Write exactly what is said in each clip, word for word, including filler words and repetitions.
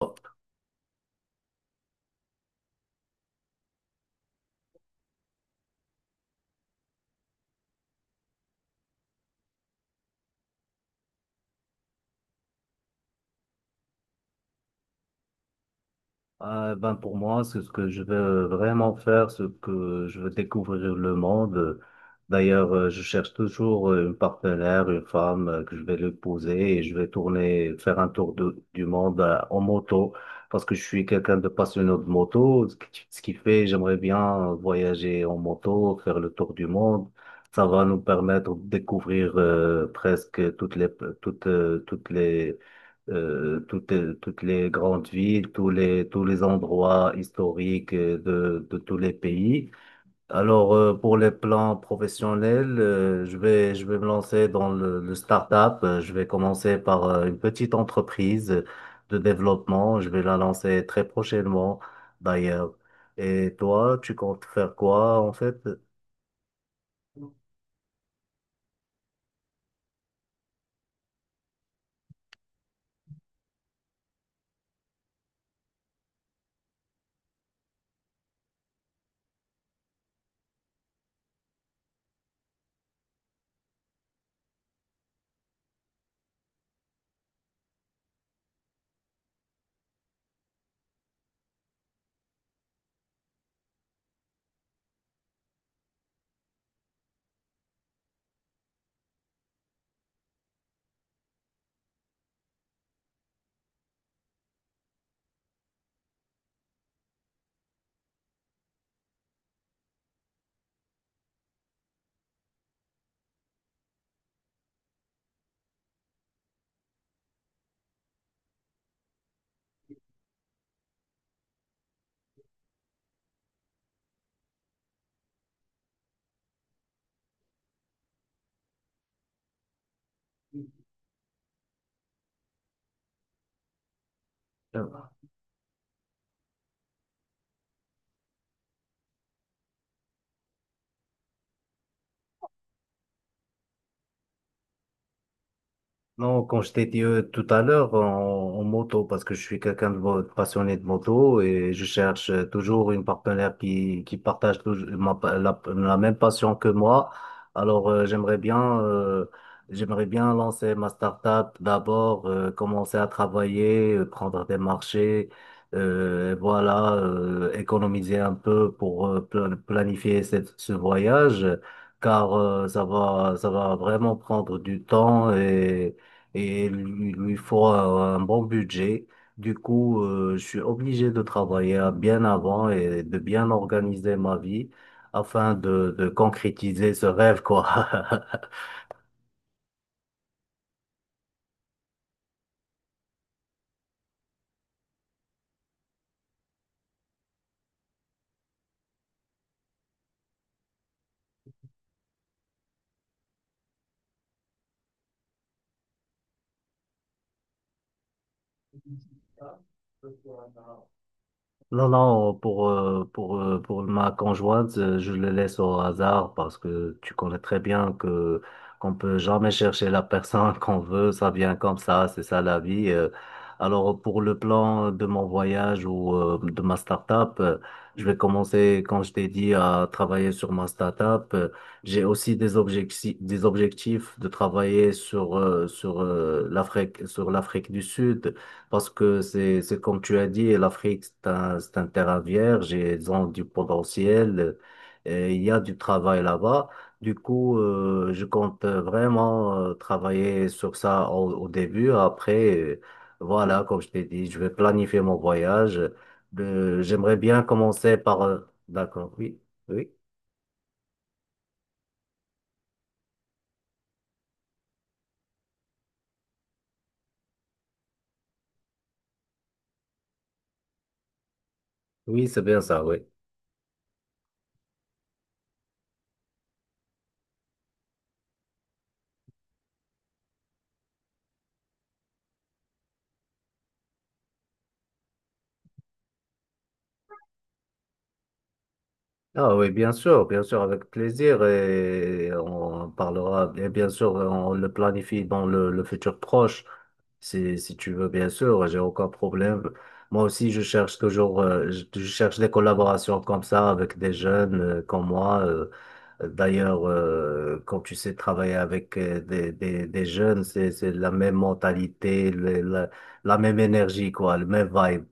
Hop. Ah, ben pour moi, c'est ce que je veux vraiment faire, ce que je veux découvrir le monde. D'ailleurs, euh, je cherche toujours euh, une partenaire, une femme euh, que je vais l'épouser et je vais tourner, faire un tour de- du monde euh, en moto parce que je suis quelqu'un de passionné de moto. Ce qui ce qui fait, j'aimerais bien voyager en moto, faire le tour du monde. Ça va nous permettre de découvrir euh, presque toutes les, toutes, euh, toutes les euh, toutes, toutes les grandes villes, tous les, tous les endroits historiques euh, de, de tous les pays. Alors, euh, pour les plans professionnels, euh, je vais, je vais me lancer dans le, le start-up. Euh, Je vais commencer par euh, une petite entreprise de développement. Je vais la lancer très prochainement, d'ailleurs. Et toi, tu comptes faire quoi, en fait? Non, quand je t'ai dit euh, tout à l'heure en, en moto, parce que je suis quelqu'un de mo- passionné de moto et je cherche euh, toujours une partenaire qui, qui partage touj- ma pa- la, la même passion que moi. Alors euh, j'aimerais bien, euh, j'aimerais bien lancer ma start-up d'abord, euh, commencer à travailler, euh, prendre des marchés, euh, et voilà, euh, économiser un peu pour euh, pla- planifier cette, ce voyage, car euh, ça va, ça va vraiment prendre du temps et et lui, lui faut un, un bon budget. Du coup, euh, je suis obligé de travailler à- bien avant et de bien organiser ma vie afin de, de concrétiser ce rêve, quoi. Non, non, pour, euh, pour, euh, pour ma conjointe, euh, je le laisse au hasard parce que tu connais très bien que qu'on peut jamais chercher la personne qu'on veut, ça vient comme ça, c'est ça la vie. euh. Alors pour le plan de mon voyage ou euh, de ma start-up, euh, je vais commencer, quand je t'ai dit, à travailler sur ma start-up. Euh, J'ai aussi des objectifs, des objectifs de travailler sur, euh, sur euh, l'Afrique, sur l'Afrique du Sud. Parce que c'est, c'est comme tu as dit, l'Afrique, c'est un, c'est un terrain vierge et ils ont du potentiel. euh, Et il y a du travail là-bas. Du coup, euh, je compte vraiment euh, travailler sur ça au, au début. Après, euh, voilà, comme je t'ai dit, je vais planifier mon voyage. Euh, j'aimerais bien commencer par... euh, D'accord, oui, oui, oui, c'est bien ça, oui. Ah oui, bien sûr, bien sûr, avec plaisir et on parlera, et bien sûr, on le planifie dans le, le futur proche, si, si tu veux, bien sûr, j'ai aucun problème. Moi aussi, je cherche toujours, euh, je, je cherche des collaborations comme ça avec des jeunes euh, comme moi. euh. D'ailleurs, euh, quand tu sais travailler avec euh, des, des, des jeunes, c'est, c'est la même mentalité, le- la, la même énergie, quoi, le même vibe.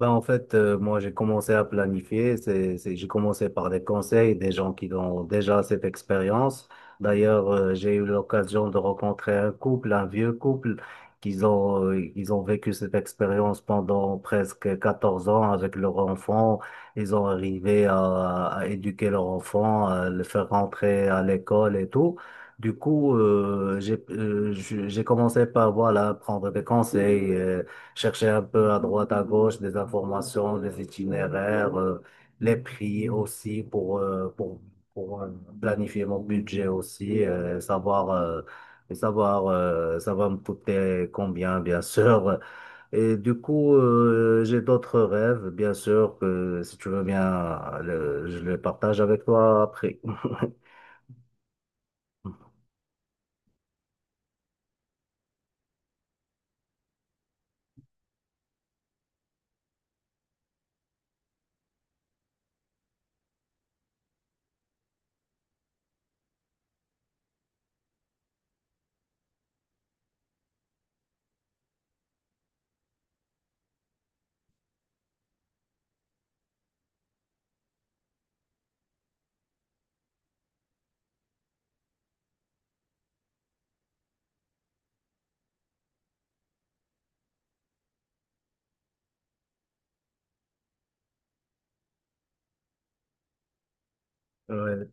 Ben, en fait, euh, moi, j'ai commencé à planifier. C'est, c'est- j'ai commencé par des conseils des gens qui ont déjà cette expérience. D'ailleurs, euh, j'ai eu l'occasion de rencontrer un couple, un vieux couple, qu'ils ont, euh, ils ont vécu cette expérience pendant presque quatorze ans avec leur enfant. Ils ont arrivé à, à éduquer leur enfant, à le faire rentrer à l'école et tout. Du coup, euh, j'ai, euh, j'ai j'ai commencé par, voilà, prendre des conseils. Euh, chercher un peu à droite, à gauche des informations, des itinéraires, euh, les prix aussi pour, euh, pour, pour euh, planifier mon budget aussi, euh, savoir, euh, savoir euh, ça va me coûter combien, bien sûr. Et du coup, euh, j'ai d'autres rêves, bien sûr, que si tu veux bien, euh, le- je les partage avec toi après. Ouais.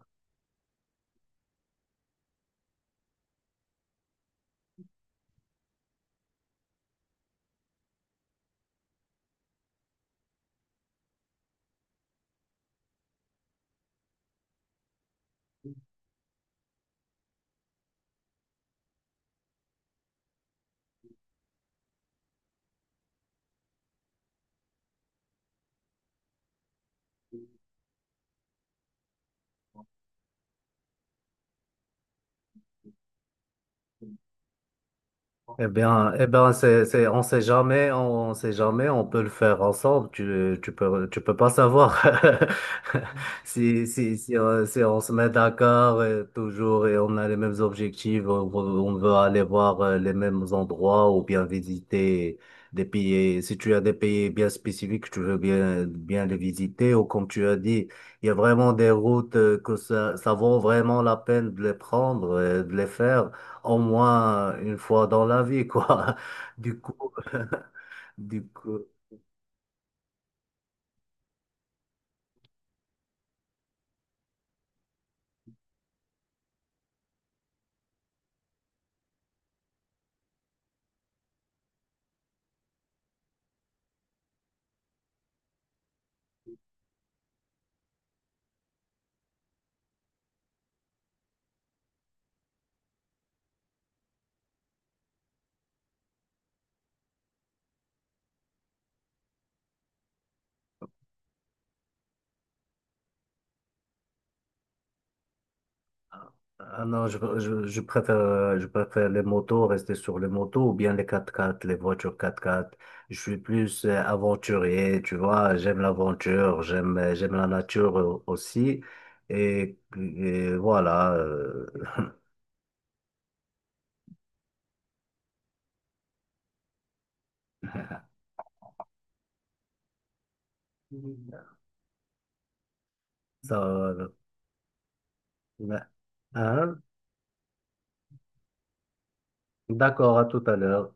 Eh bien, eh bien, c'est, c'est, on sait jamais, on, on sait jamais, on peut le faire ensemble. Tu, tu peux, tu peux pas savoir. Si, si, si, euh, si on se met d'accord euh, toujours et on a les mêmes objectifs, on, veut on veut aller voir euh, les mêmes endroits ou bien visiter des pays. Si tu as des pays bien spécifiques, tu veux bien, bien les visiter ou comme tu as dit, il y a vraiment des routes euh, que ça, ça vaut vraiment la peine de les prendre, euh, de les faire au moins une fois dans la vie, quoi. Du coup, du coup, ah ah non, je, je, je préfère, euh, je préfère les motos, rester sur les motos ou bien les quatre quatre, les voitures quatre quatre. Je suis plus euh, aventurier, tu vois. J'aime l'aventure, j'aime, euh, j'aime la nature euh, aussi. Et, et voilà, euh, ça, euh, hein? D'accord, à tout à l'heure.